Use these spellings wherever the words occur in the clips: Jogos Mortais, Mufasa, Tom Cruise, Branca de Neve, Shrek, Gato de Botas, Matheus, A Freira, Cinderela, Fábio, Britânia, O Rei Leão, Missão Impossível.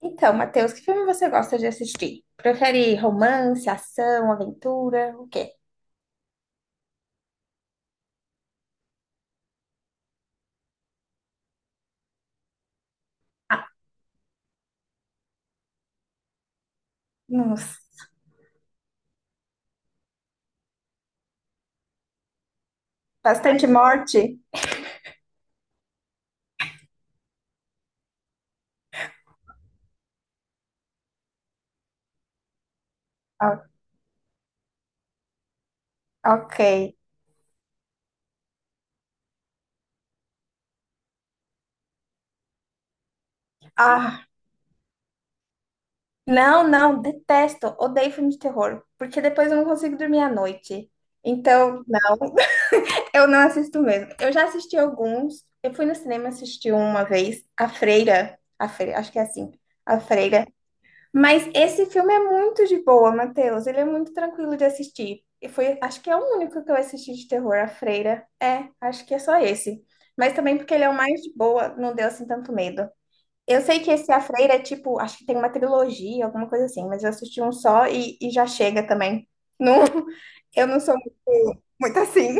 Então, Matheus, que filme você gosta de assistir? Prefere romance, ação, aventura? O quê? Nossa, bastante morte? O- ok. Ah, não, não, detesto, odeio filme de terror, porque depois eu não consigo dormir à noite. Então, não, eu não assisto mesmo. Eu já assisti alguns. Eu fui no cinema assistir uma vez, a Freira, acho que é assim, A Freira. Mas esse filme é muito de boa, Matheus. Ele é muito tranquilo de assistir. E foi, acho que é o único que eu assisti de terror, A Freira. É, acho que é só esse. Mas também porque ele é o mais de boa, não deu assim tanto medo. Eu sei que esse A Freira é tipo, acho que tem uma trilogia, alguma coisa assim, mas eu assisti um só e já chega também. Não, eu não sou muito, muito assim.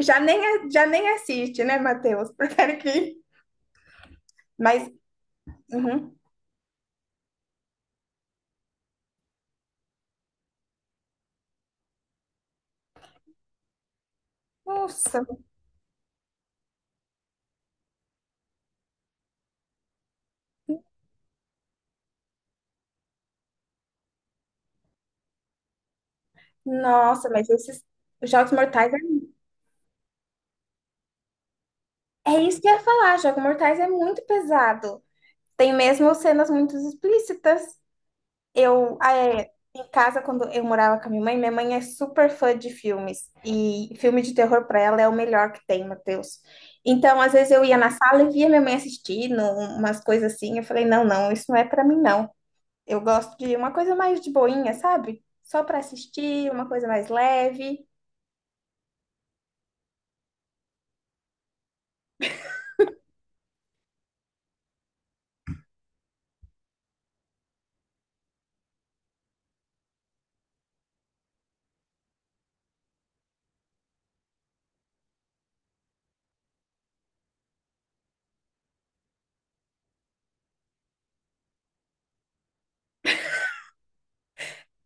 Já nem, já nem assiste, né, Matheus? Prefere que. Mas, uhum. Nossa, nossa, mas esses Jogos Mortais é... É isso que eu ia falar, Jogos Mortais é muito pesado. Tem mesmo cenas muito explícitas. Eu, ah, é, em casa, quando eu morava com a minha mãe é super fã de filmes. E filme de terror pra ela é o melhor que tem, Matheus. Então, às vezes eu ia na sala e via minha mãe assistindo umas coisas assim. Eu falei, não, não, isso não é pra mim, não. Eu gosto de uma coisa mais de boinha, sabe? Só pra assistir, uma coisa mais leve.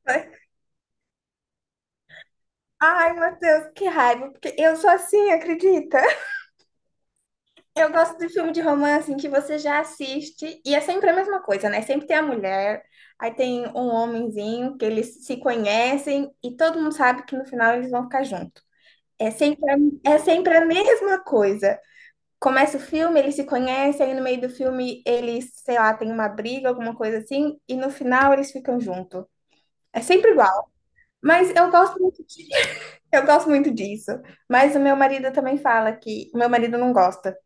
Ai, Matheus, que raiva, porque eu sou assim, acredita? Eu gosto de filme de romance em que você já assiste e é sempre a mesma coisa, né? Sempre tem a mulher, aí tem um homenzinho que eles se conhecem e todo mundo sabe que no final eles vão ficar juntos. É sempre a, é sempre a mesma coisa. Começa o filme, eles se conhecem, aí no meio do filme eles, sei lá, tem uma briga, alguma coisa assim, e no final eles ficam juntos. É sempre igual. Mas eu gosto muito disso. Mas o meu marido também fala que. O meu marido não gosta.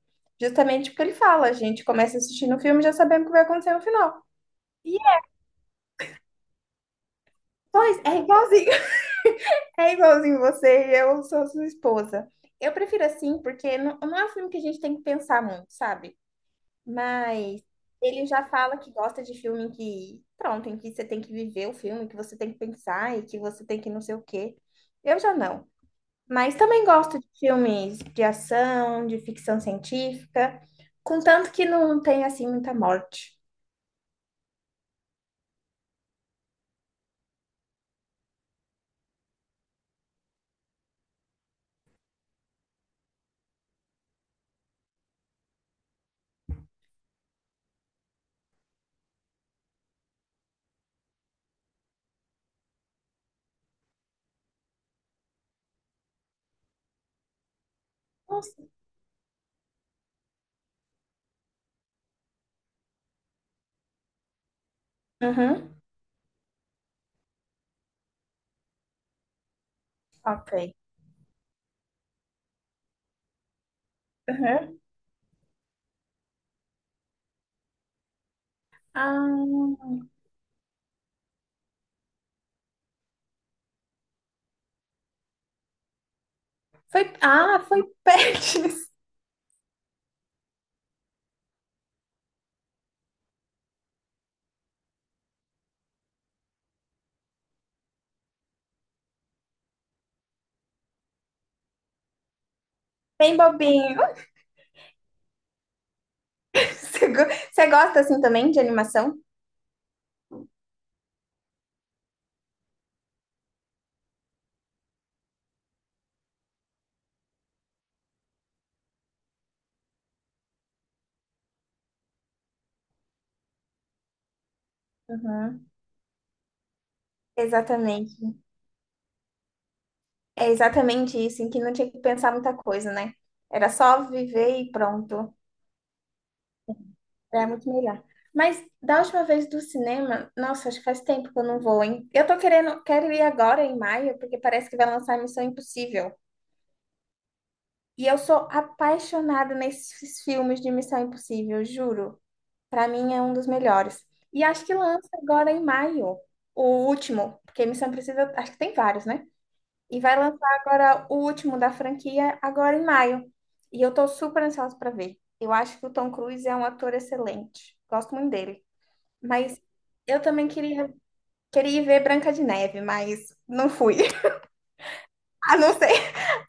Justamente porque ele fala, a gente começa assistindo o filme já sabendo o que vai acontecer no final. E pois, é igualzinho. É igualzinho você e eu sou sua esposa. Eu prefiro assim, porque não, não é um filme que a gente tem que pensar muito, sabe? Mas ele já fala que gosta de filme em que, pronto, em que você tem que viver o filme, que você tem que pensar e que você tem que não sei o quê. Eu já não. Mas também gosto de filmes de ação, de ficção científica, contanto que não tem assim muita morte. Nossa. Uhum. Ok. Uhum. Ah, ah, foi Pets. Bem bobinho. Você go- você gosta assim também de animação? Uhum. Exatamente. É exatamente isso, em que não tinha que pensar muita coisa, né? Era só viver e pronto. É muito melhor. Mas da última vez do cinema, nossa, acho que faz tempo que eu não vou, hein? Eu tô querendo, quero ir agora em maio, porque parece que vai lançar Missão Impossível. E eu sou apaixonada nesses filmes de Missão Impossível, juro. Pra mim é um dos melhores. E acho que lança agora em maio, o último, porque Missão Impossível, acho que tem vários, né? E vai lançar agora o último da franquia agora em maio. E eu tô super ansiosa pra ver. Eu acho que o Tom Cruise é um ator excelente. Gosto muito dele. Mas eu também queria, queria ir ver Branca de Neve, mas não fui. Ah, não sei,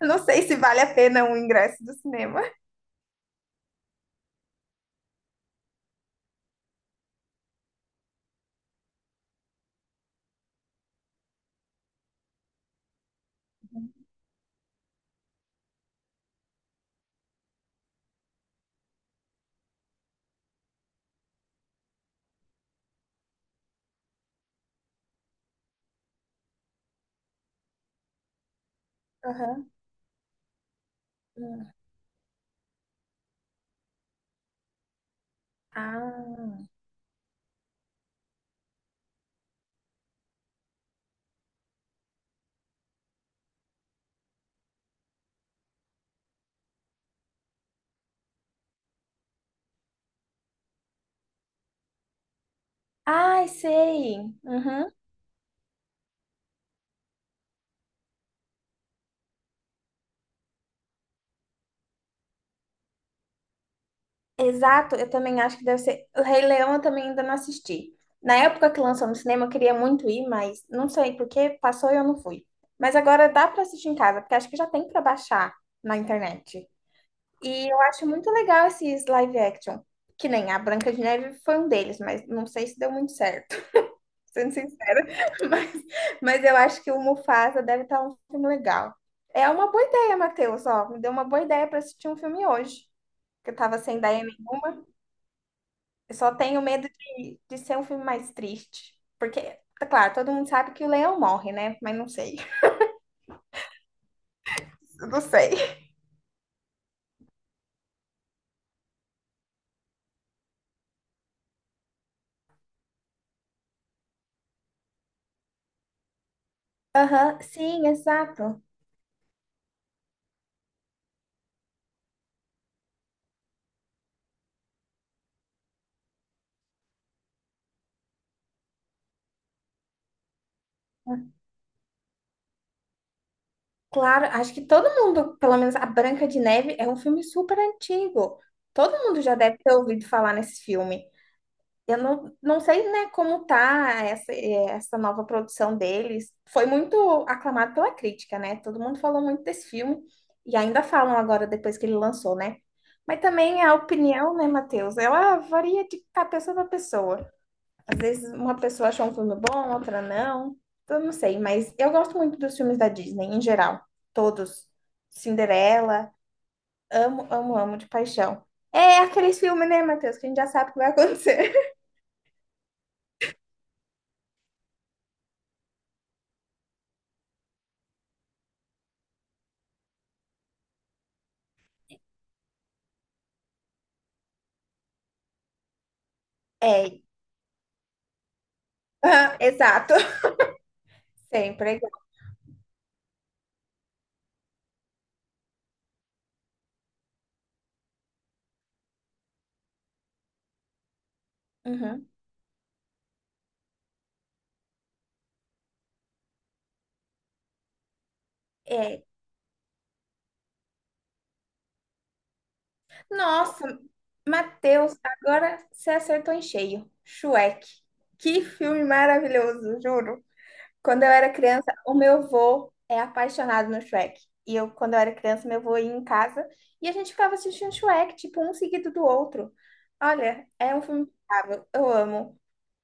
não sei se vale a pena o ingresso do cinema. Aham. Ah. Ai, sei. Uhum. Exato, eu também acho que deve ser. O Rei Leão eu também ainda não assisti. Na época que lançou no cinema, eu queria muito ir, mas não sei porque passou e eu não fui. Mas agora dá para assistir em casa, porque acho que já tem para baixar na internet. E eu acho muito legal esses live action, que nem a Branca de Neve foi um deles, mas não sei se deu muito certo, sendo sincera. Mas, mas eu acho que o Mufasa deve estar um filme legal. É uma boa ideia, Matheus, ó, me deu uma boa ideia para assistir um filme hoje, que eu tava sem ideia nenhuma. Eu só tenho medo de ser um filme mais triste. Porque, tá claro, todo mundo sabe que o leão morre, né? Mas não sei. Eu não sei. Aham, sim, exato. Claro, acho que todo mundo, pelo menos a Branca de Neve, é um filme super antigo. Todo mundo já deve ter ouvido falar nesse filme. Eu não, não sei, né, como tá essa, essa nova produção deles. Foi muito aclamado pela crítica, né? Todo mundo falou muito desse filme e ainda falam agora depois que ele lançou, né? Mas também a opinião, né, Matheus? Ela varia de tá, pessoa para pessoa. Às vezes uma pessoa achou um filme bom, outra não. Eu não sei, mas eu gosto muito dos filmes da Disney em geral, todos. Cinderela, amo, amo, amo de paixão. É aqueles filmes, né, Matheus, que a gente já sabe o que vai acontecer. É, aham, exato. Sempre. É igual. Uhum. É. Nossa, Matheus, agora você acertou em cheio. Shrek. Que filme maravilhoso, juro. Quando eu era criança, o meu avô é apaixonado no Shrek. E eu, quando eu era criança, meu avô ia em casa e a gente ficava assistindo Shrek, tipo, um seguido do outro. Olha, é um filme impecável. Eu amo.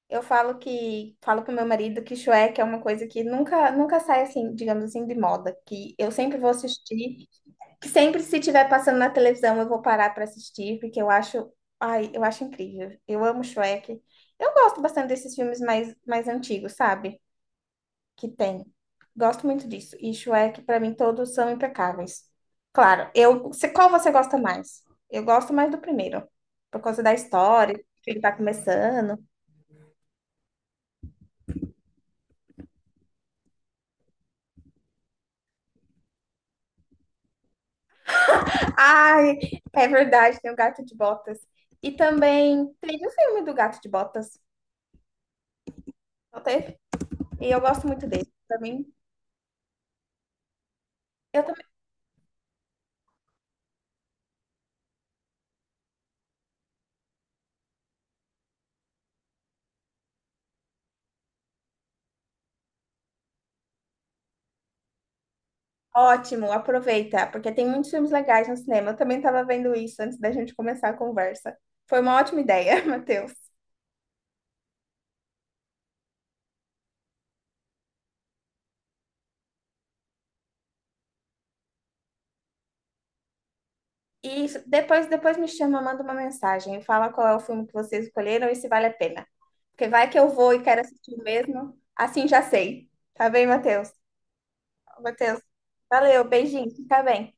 Eu falo que falo pro meu marido que Shrek é uma coisa que nunca sai assim, digamos assim, de moda, que eu sempre vou assistir, que sempre se estiver passando na televisão eu vou parar para assistir, porque eu acho, ai, eu acho incrível. Eu amo Shrek. Eu gosto bastante desses filmes mais antigos, sabe? Que tem. Gosto muito disso. E Shrek para mim todos são impecáveis. Claro, eu, qual você gosta mais? Eu gosto mais do primeiro, por causa da história, que ele tá começando. Ai, é verdade, tem o Gato de Botas. E também teve o filme do Gato de Botas, não teve? E eu gosto muito dele. Pra mim, eu também. Ótimo, aproveita, porque tem muitos filmes legais no cinema. Eu também estava vendo isso antes da gente começar a conversa. Foi uma ótima ideia, Matheus. E isso, depois, depois me chama, manda uma mensagem, fala qual é o filme que vocês escolheram e se vale a pena. Porque vai que eu vou e quero assistir mesmo, assim já sei. Tá bem, Matheus? Matheus, valeu, beijinho, fica bem.